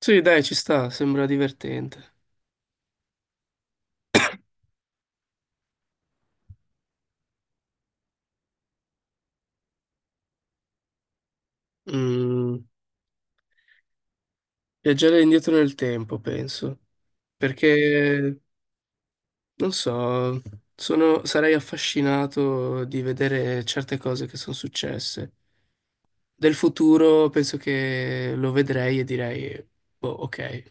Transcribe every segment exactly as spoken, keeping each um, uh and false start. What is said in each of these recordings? Sì, dai, ci sta, sembra divertente. Mm, Viaggiare indietro nel tempo, penso, perché, non so, sono- sarei affascinato di vedere certe cose che sono successe. Del futuro penso che lo vedrei e direi, boh, ok.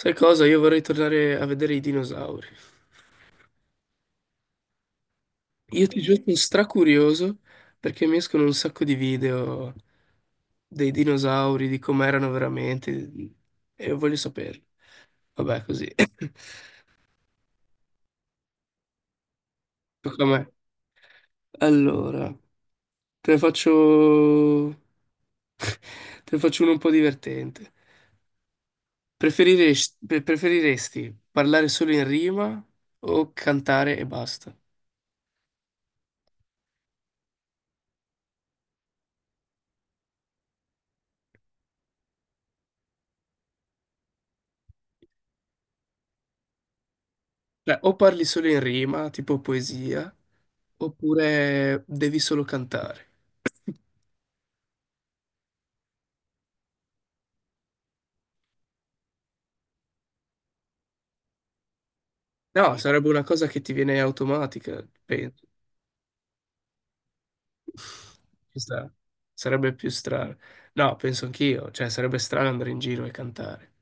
Sai cosa? Io vorrei tornare a vedere i dinosauri. Io ti giuro sono stracurioso perché mi escono un sacco di video dei dinosauri, di com'erano veramente e voglio saperlo. Vabbè, così. Tocca a me. Allora, te ne faccio... te ne faccio uno un po' divertente. Preferiresti, pre- preferiresti parlare solo in rima o cantare e basta? Cioè, o parli solo in rima, tipo poesia, oppure devi solo cantare. No, sarebbe una cosa che ti viene automatica, penso. Ci sta. Sarebbe più strano. No, penso anch'io, cioè sarebbe strano andare in giro e cantare.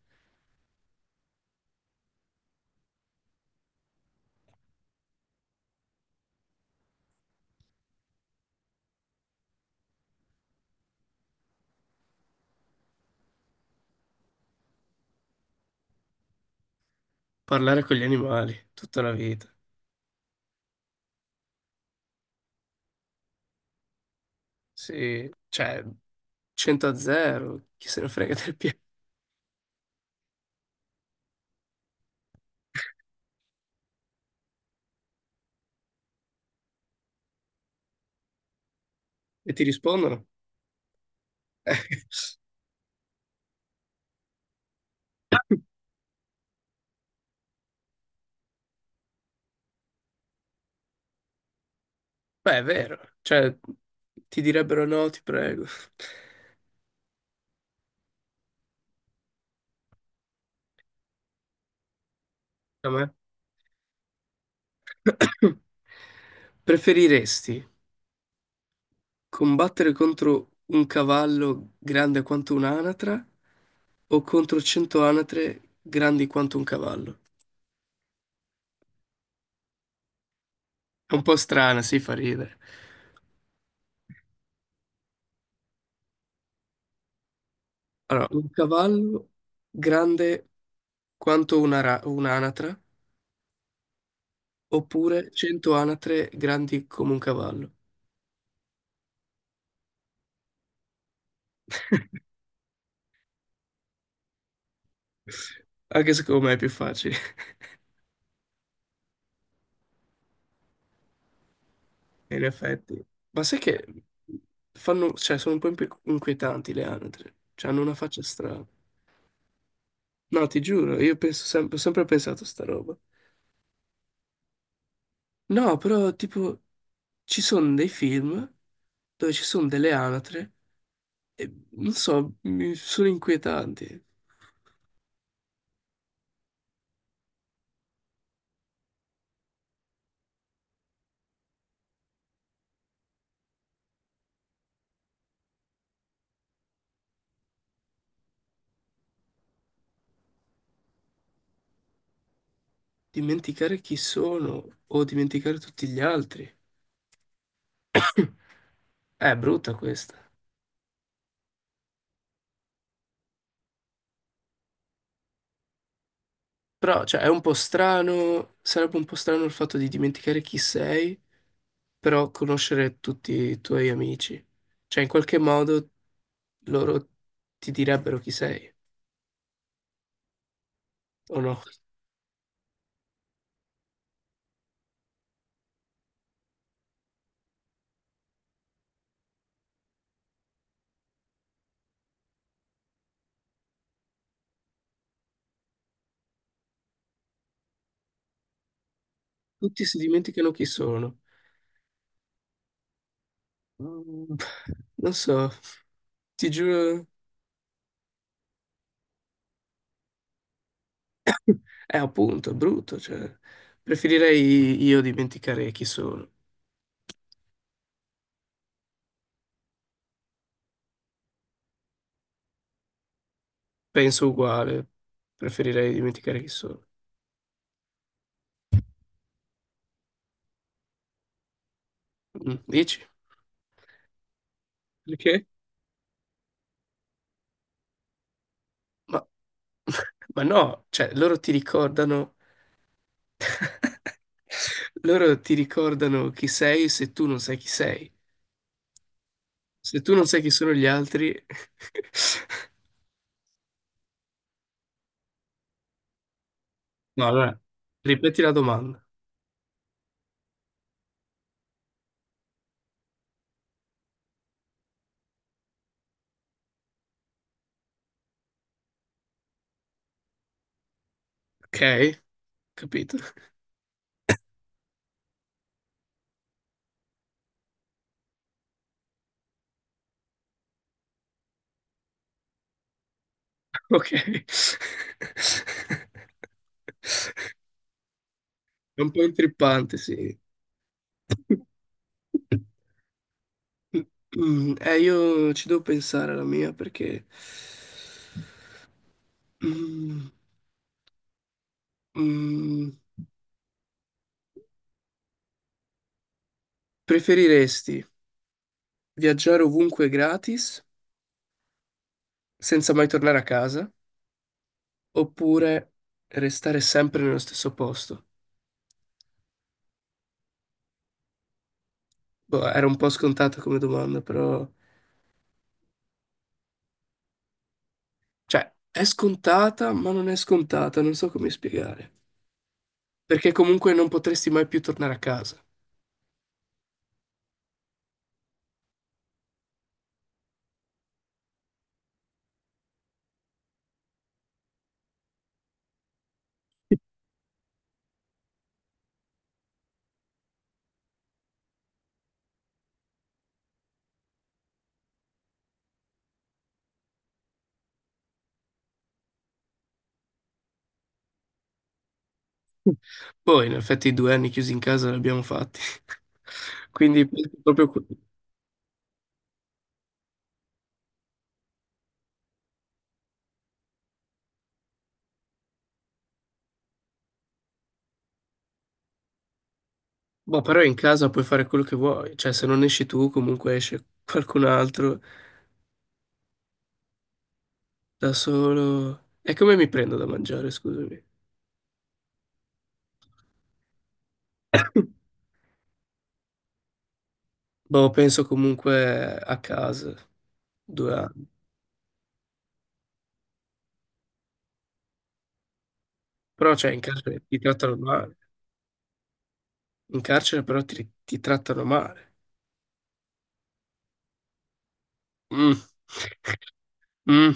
Parlare con gli animali tutta la vita. Sì, cioè cento a zero, chi se ne frega del piano. E ti rispondono? Beh, è vero, cioè ti direbbero no, ti prego. A me? Preferiresti combattere contro un cavallo grande quanto un'anatra o contro cento anatre grandi quanto un cavallo. È un po' strana, si fa ridere. Allora, un cavallo grande quanto una ra- un'anatra, oppure cento anatre grandi come un cavallo. Anche secondo me è più facile, in effetti. Ma sai che fanno, cioè, sono un po' inqui- inquietanti le anatre, cioè hanno una faccia strana. No, ti giuro, io penso sempre, ho sempre pensato a sta roba. No, però tipo ci sono dei film dove ci sono delle anatre e non so, mi sono inquietanti. Dimenticare chi sono o dimenticare tutti gli altri. È brutta questa. Però, cioè, è un po' strano, sarebbe un po' strano il fatto di dimenticare chi sei, però conoscere tutti i tuoi amici. Cioè, in qualche modo loro ti direbbero chi sei, o no? Tutti si dimenticano chi sono. Mm, Non so, ti giuro, è appunto, è brutto, cioè, preferirei io dimenticare chi sono. Penso uguale, preferirei dimenticare chi sono. Mm, Dici? Perché? Ma, ma no, cioè, loro ti ricordano, loro ti ricordano chi sei se tu non sai chi sei. Se tu non sai chi sono gli altri. No, allora, ripeti la domanda, ok? Capito? Ok. È un po' intrippante, sì. Mm, Eh, io ci devo pensare alla mia, perché Mm, mm, preferiresti viaggiare ovunque gratis senza mai tornare a casa oppure restare sempre nello stesso posto? Boh, era un po' scontata come domanda, però. Cioè, è scontata, ma non è scontata, non so come spiegare. Perché comunque non potresti mai più tornare a casa. Poi, in effetti, i due anni chiusi in casa li abbiamo fatti. Quindi, proprio, que- boh, però in casa puoi fare quello che vuoi. Cioè, se non esci tu, comunque esce qualcun altro da solo. E come mi prendo da mangiare, scusami? Boh, penso comunque a casa, due anni. Però, cioè, in carcere ti trattano male. In carcere però ti, ti trattano male. Mm. Mm.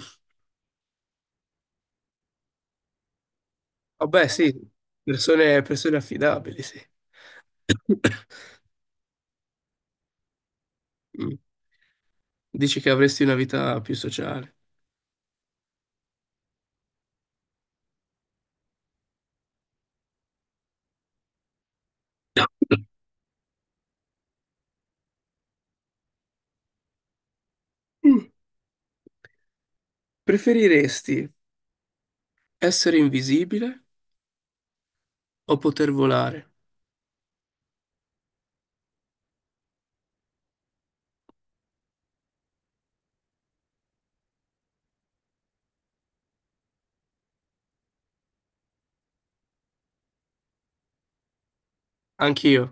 Vabbè, sì, persone, persone affidabili, sì. Mm. Dici che avresti una vita più sociale. Mm. Preferiresti essere invisibile o poter volare? Anch'io.